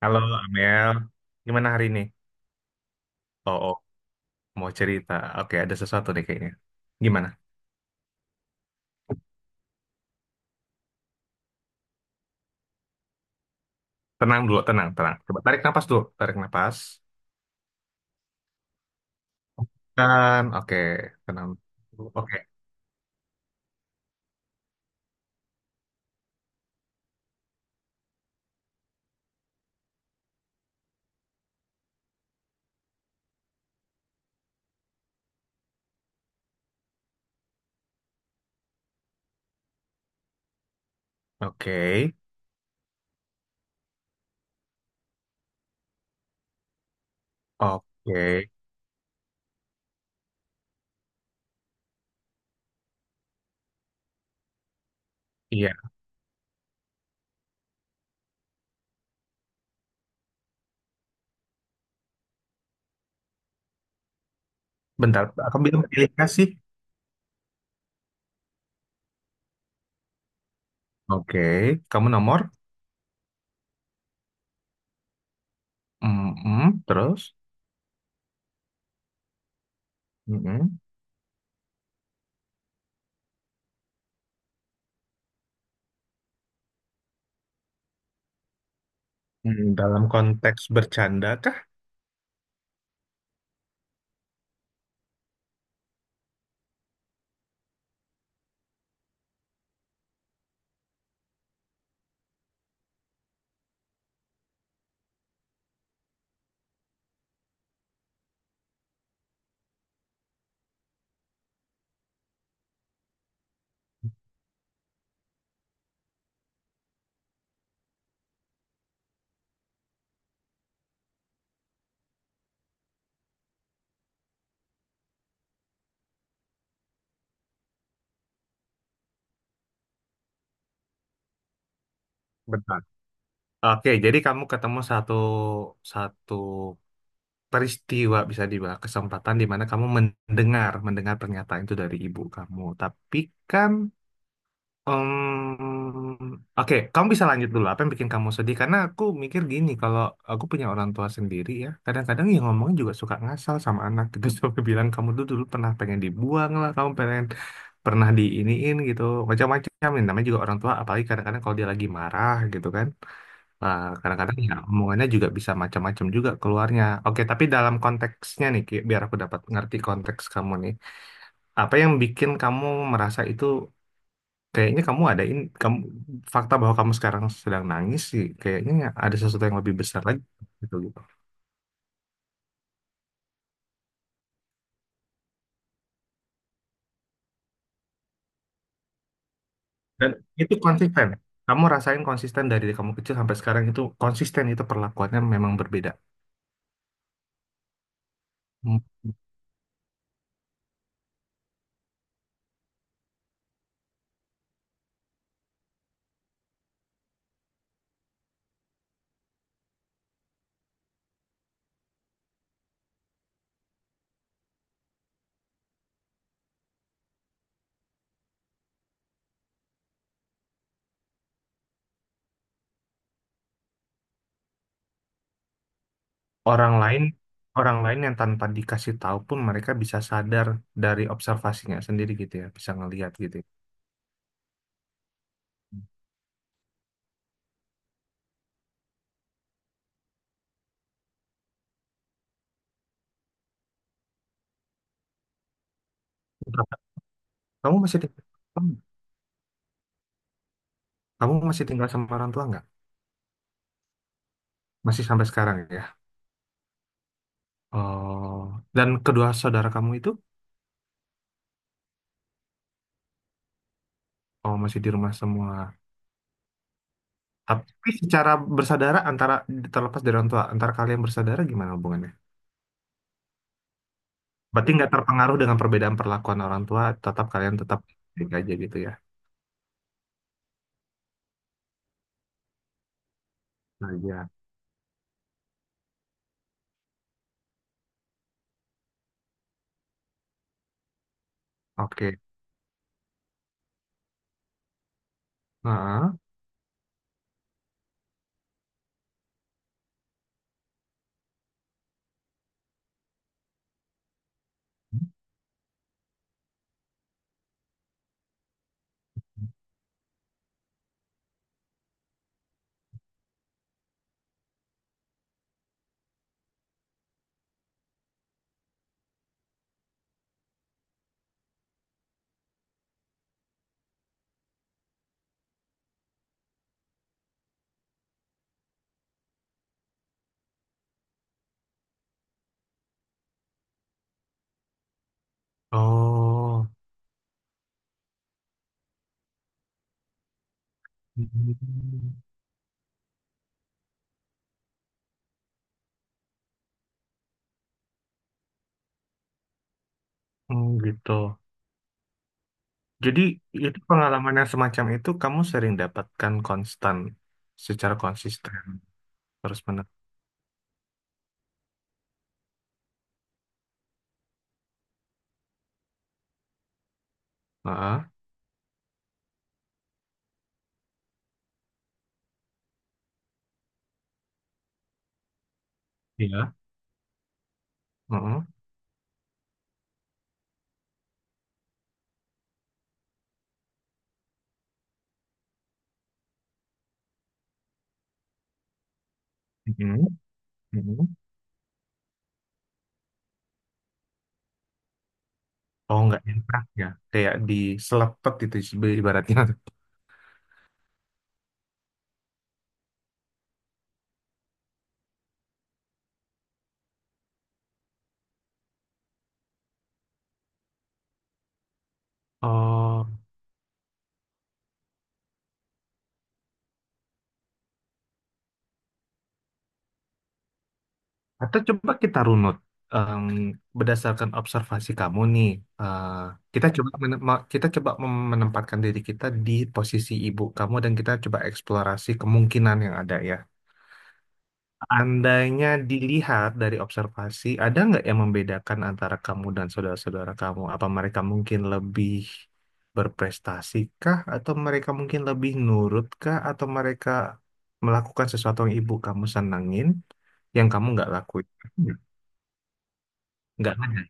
Halo Amel, gimana hari ini? Oh, oh, mau cerita. Oke, ada sesuatu nih kayaknya. Gimana? Tenang dulu, tenang, tenang. Coba tarik nafas dulu, tarik nafas. Dan, oke, tenang. Dulu. Oke, oke, oke. Iya, bentar. Kamu bilang pilih kasih. Oke, kamu nomor. Mm-mm, terus, mm-mm. Mm, dalam konteks bercanda kah? Bentar. Oke, jadi kamu ketemu satu satu peristiwa, bisa dibilang kesempatan di mana kamu mendengar mendengar pernyataan itu dari ibu kamu. Tapi kan, oke, kamu bisa lanjut dulu apa yang bikin kamu sedih, karena aku mikir gini, kalau aku punya orang tua sendiri ya, kadang-kadang yang ngomongnya juga suka ngasal sama anak gitu sampai bilang kamu dulu dulu pernah pengen dibuang lah, kamu pengen pernah diiniin gitu, macam-macam, yang namanya juga orang tua, apalagi kadang-kadang kalau dia lagi marah gitu kan. Nah, kadang-kadang ya omongannya juga bisa macam-macam juga keluarnya. Oke, tapi dalam konteksnya nih, Ki, biar aku dapat ngerti konteks kamu nih. Apa yang bikin kamu merasa itu, kayaknya kamu ada ini, kamu, fakta bahwa kamu sekarang sedang nangis sih, kayaknya ada sesuatu yang lebih besar lagi gitu gitu. Dan itu konsisten. Kamu rasain konsisten dari kamu kecil sampai sekarang, itu konsisten, itu perlakuannya memang berbeda. orang lain orang lain yang tanpa dikasih tahu pun mereka bisa sadar, dari observasinya sendiri gitu ya, bisa ngelihat gitu ya. Berapa- kamu masih tinggal kamu masih tinggal sama orang tua nggak? Masih sampai sekarang ya? Oh, dan kedua saudara kamu itu? Oh, masih di rumah semua. Tapi secara bersaudara, antara, terlepas dari orang tua, antara kalian bersaudara, gimana hubungannya? Berarti nggak terpengaruh dengan perbedaan perlakuan orang tua, tetap kalian tetap baik aja gitu ya. Nah, iya. Oke. Heeh. Oh. Hmm. Oh gitu. Jadi itu pengalaman yang semacam itu kamu sering dapatkan, konstan secara konsisten terus menerus. Heeh, iya. Heeh. Mhm, mhm. Oh nggak nyetak ya, kayak diselepet itu ibaratnya. Oh, atau coba kita runut. Em, Berdasarkan observasi kamu nih. eh, kita coba menem- ma- kita coba mem- menempatkan diri kita di posisi ibu kamu, dan kita coba eksplorasi kemungkinan yang ada ya. Andainya dilihat dari observasi, ada nggak yang membedakan antara kamu dan saudara-saudara kamu? Apa mereka mungkin lebih berprestasi kah? Atau mereka mungkin lebih nurut kah? Atau mereka melakukan sesuatu yang ibu kamu senengin, yang kamu nggak lakuin? Nggak ada.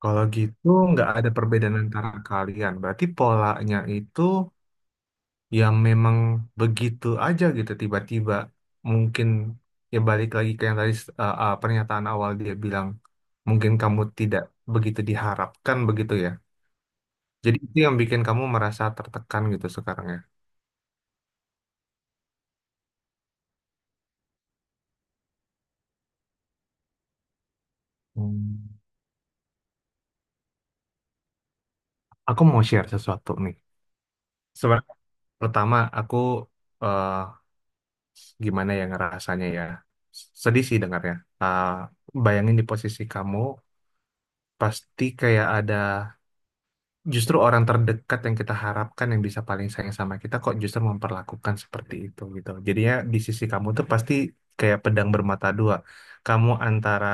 Kalau gitu, nggak ada perbedaan antara kalian. Berarti polanya itu yang memang begitu aja gitu tiba-tiba. Mungkin, ya, balik lagi ke yang tadi, pernyataan awal dia bilang mungkin kamu tidak begitu diharapkan, begitu ya, jadi itu yang bikin kamu merasa tertekan gitu sekarang ya. Hmm. Aku mau share sesuatu nih. Sebenarnya, pertama, aku, eh, gimana ya ngerasanya ya, sedih sih dengarnya. Eh, bayangin di posisi kamu, pasti kayak ada, justru orang terdekat yang kita harapkan yang bisa paling sayang sama kita kok justru memperlakukan seperti itu gitu. Jadinya di sisi kamu tuh pasti kayak pedang bermata dua. Kamu antara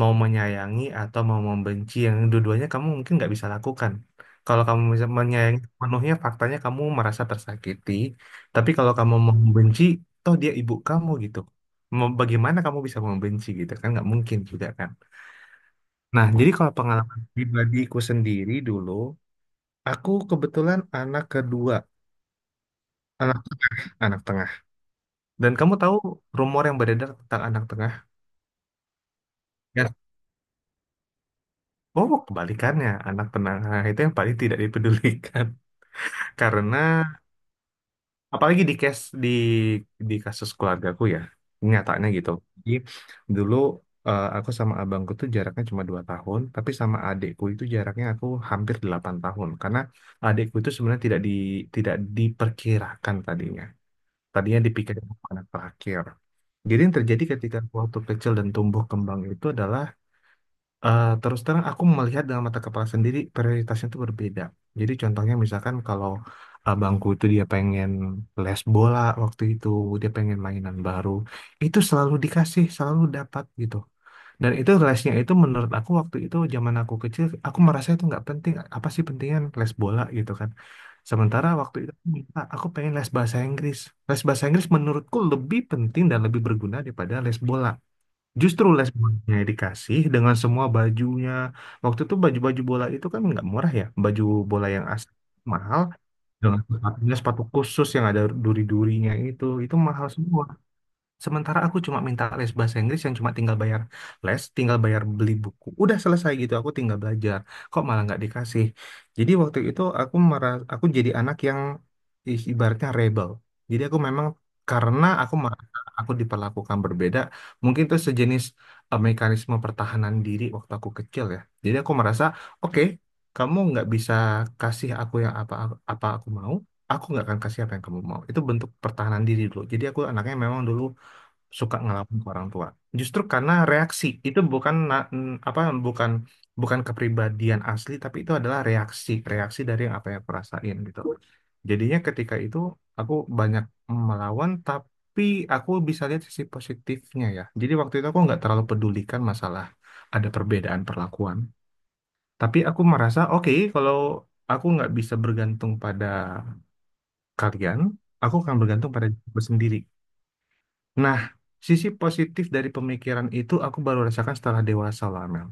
mau menyayangi atau mau membenci, yang dua-duanya kamu mungkin nggak bisa lakukan. Kalau kamu bisa menyayangi penuhnya, faktanya kamu merasa tersakiti. Tapi kalau kamu mau membenci, toh dia ibu kamu gitu. Bagaimana kamu bisa membenci gitu, kan nggak mungkin juga kan. Nah, jadi kalau pengalaman pribadiku sendiri dulu, aku kebetulan anak kedua, anak anak tengah. Dan kamu tahu rumor yang beredar tentang anak tengah? Ya, oh kebalikannya, anak tengah, nah, itu yang paling tidak dipedulikan. Karena apalagi di case, di kasus keluargaku ya, nyatanya gitu. Jadi dulu, aku sama abangku tuh jaraknya cuma 2 tahun, tapi sama adikku itu jaraknya aku hampir 8 tahun. Karena adikku itu sebenarnya tidak diperkirakan tadinya. Tadinya dipikirin anak terakhir. Jadi yang terjadi ketika aku waktu kecil dan tumbuh kembang itu adalah, terus terang aku melihat dengan mata kepala sendiri prioritasnya itu berbeda. Jadi contohnya misalkan kalau abangku itu dia pengen les bola waktu itu, dia pengen mainan baru, itu selalu dikasih, selalu dapat gitu. Dan itu lesnya itu menurut aku waktu itu, zaman aku kecil, aku merasa itu nggak penting. Apa sih pentingnya les bola gitu kan? Sementara waktu itu aku minta, aku pengen les bahasa Inggris. Les bahasa Inggris menurutku lebih penting dan lebih berguna daripada les bola. Justru les bolanya dikasih dengan semua bajunya. Waktu itu baju-baju bola itu kan nggak murah ya. Baju bola yang asli mahal, dengan sepatunya, sepatu khusus yang ada duri-durinya itu. Itu mahal semua. Sementara aku cuma minta les bahasa Inggris yang cuma tinggal bayar les, tinggal bayar beli buku. Udah selesai gitu, aku tinggal belajar. Kok malah nggak dikasih? Jadi waktu itu aku merasa, aku jadi anak yang, ibaratnya rebel. Jadi aku memang, karena aku merasa aku diperlakukan berbeda, mungkin itu sejenis, mekanisme pertahanan diri waktu aku kecil ya. Jadi aku merasa, oke, kamu nggak bisa kasih aku yang apa, apa aku mau, aku nggak akan kasih apa yang kamu mau. Itu bentuk pertahanan diri dulu. Jadi aku anaknya memang dulu suka ngelawan ke orang tua. Justru karena reaksi itu bukan na- n- apa bukan bukan kepribadian asli, tapi itu adalah reaksi, reaksi dari yang apa yang aku rasain gitu. Jadinya ketika itu aku banyak melawan, tapi aku bisa lihat sisi positifnya ya. Jadi waktu itu aku nggak terlalu pedulikan masalah ada perbedaan perlakuan. Tapi aku merasa oke, kalau aku nggak bisa bergantung pada kalian, aku akan bergantung pada diriku sendiri. Nah, sisi positif dari pemikiran itu aku baru rasakan setelah dewasa lah, Mel.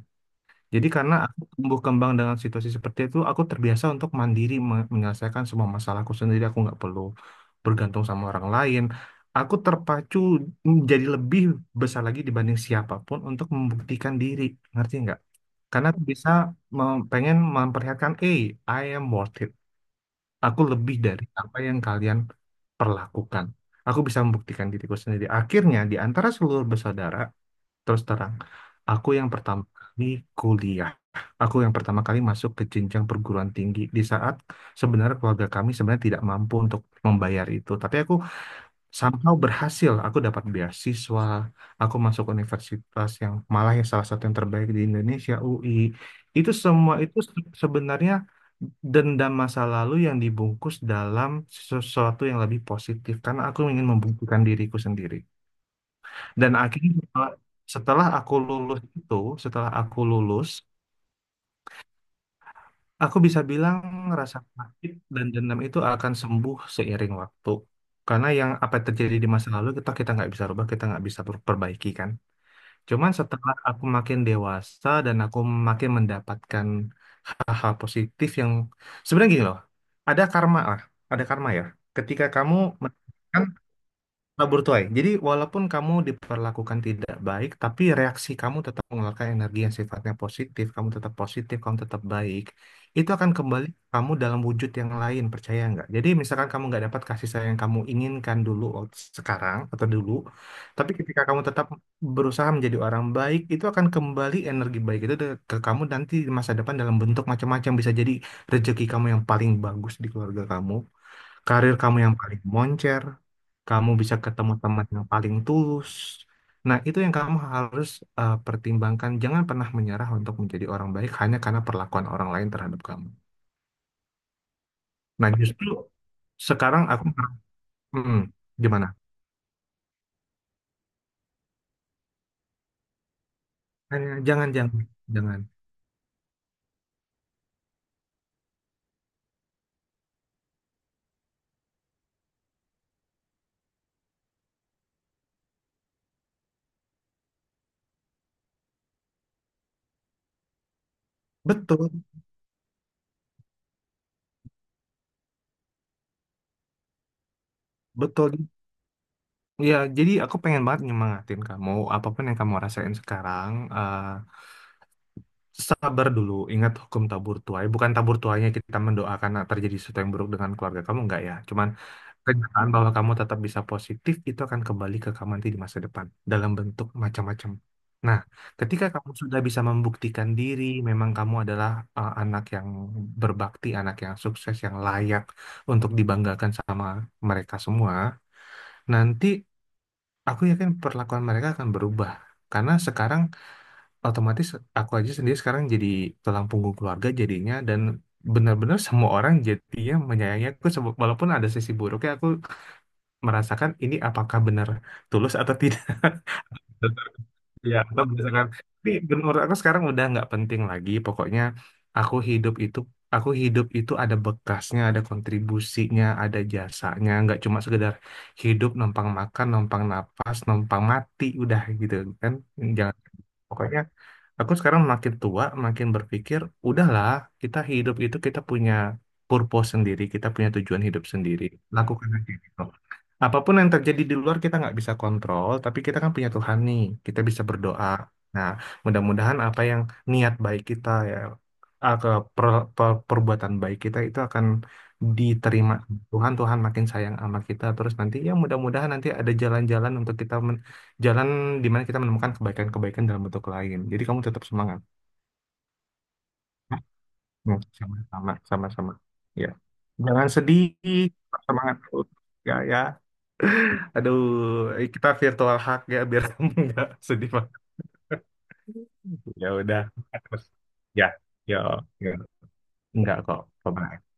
Jadi karena aku tumbuh kembang dengan situasi seperti itu, aku terbiasa untuk mandiri, menyelesaikan semua masalahku sendiri. Aku nggak perlu bergantung sama orang lain. Aku terpacu jadi lebih besar lagi dibanding siapapun untuk membuktikan diri. Ngerti nggak? Karena aku bisa, pengen memperlihatkan, I am worth it. Aku lebih dari apa yang kalian perlakukan. Aku bisa membuktikan diriku sendiri. Akhirnya, di antara seluruh bersaudara, terus terang, aku yang pertama kali kuliah. Aku yang pertama kali masuk ke jenjang perguruan tinggi di saat sebenarnya keluarga kami sebenarnya tidak mampu untuk membayar itu. Tapi aku somehow berhasil, aku dapat beasiswa, aku masuk universitas yang malah, ya, salah satu yang terbaik di Indonesia, UI. Itu semua itu sebenarnya dendam masa lalu yang dibungkus dalam sesuatu yang lebih positif, karena aku ingin membuktikan diriku sendiri. Dan akhirnya, setelah, setelah aku lulus itu setelah aku lulus, aku bisa bilang rasa sakit dan dendam itu akan sembuh seiring waktu. Karena yang apa yang terjadi di masa lalu kita kita nggak bisa rubah, kita nggak bisa perbaiki kan. Cuman setelah aku makin dewasa dan aku makin mendapatkan hal-hal positif, yang sebenarnya gini loh, ada karma lah, ada karma ya. Ketika kamu mendapatkan. Kabur tuai. Jadi walaupun kamu diperlakukan tidak baik, tapi reaksi kamu tetap mengeluarkan energi yang sifatnya positif, kamu tetap baik, itu akan kembali ke kamu dalam wujud yang lain, percaya nggak? Jadi misalkan kamu nggak dapat kasih sayang yang kamu inginkan dulu, sekarang atau dulu, tapi ketika kamu tetap berusaha menjadi orang baik, itu akan kembali, energi baik itu ke kamu nanti di masa depan dalam bentuk macam-macam, bisa jadi rezeki kamu yang paling bagus di keluarga kamu, karir kamu yang paling moncer, kamu bisa ketemu teman yang paling tulus. Nah, itu yang kamu harus, pertimbangkan. Jangan pernah menyerah untuk menjadi orang baik hanya karena perlakuan orang lain terhadap kamu. Nah, justru sekarang aku, hmm, gimana? Jangan, jangan, jangan. Betul, betul. Ya, jadi aku pengen banget nyemangatin kamu. Apapun yang kamu rasain sekarang, eh, sabar dulu. Ingat hukum tabur tuai. Bukan tabur tuainya kita mendoakan terjadi sesuatu yang buruk dengan keluarga kamu, enggak ya. Cuman kenyataan bahwa kamu tetap bisa positif itu akan kembali ke kamu nanti di masa depan dalam bentuk macam-macam. Nah, ketika kamu sudah bisa membuktikan diri, memang kamu adalah, anak yang berbakti, anak yang sukses, yang layak untuk dibanggakan sama mereka semua. Nanti aku yakin perlakuan mereka akan berubah. Karena sekarang otomatis, aku aja sendiri sekarang jadi tulang punggung keluarga jadinya, dan benar-benar semua orang jadinya menyayangi aku, walaupun ada sisi buruknya, aku merasakan ini apakah benar tulus atau tidak. Ya, atau misalkan, tapi menurut aku sekarang udah nggak penting lagi. Pokoknya aku hidup itu aku hidup itu ada bekasnya, ada kontribusinya, ada jasanya. Nggak cuma sekedar hidup numpang makan, numpang napas, numpang mati, udah gitu kan. Jangan. Pokoknya aku sekarang makin tua, makin berpikir, udahlah, kita hidup itu kita punya purpose sendiri, kita punya tujuan hidup sendiri. Lakukan aja gitu. Apapun yang terjadi di luar kita nggak bisa kontrol, tapi kita kan punya Tuhan nih, kita bisa berdoa. Nah, mudah-mudahan apa yang, niat baik kita ya, ke perbuatan baik kita itu akan diterima Tuhan. Tuhan makin sayang sama kita. Terus nanti ya mudah-mudahan nanti ada jalan-jalan untuk kita, jalan di mana kita menemukan kebaikan-kebaikan dalam bentuk lain. Jadi kamu tetap semangat. Hmm, sama-sama, sama-sama. Ya. Jangan sedih, tetap semangat terus. Ya, ya. Aduh, kita virtual hug ya biar kamu nggak sedih banget. Ya udah. Terus. Ya, ya, ya. Enggak kok. Coba.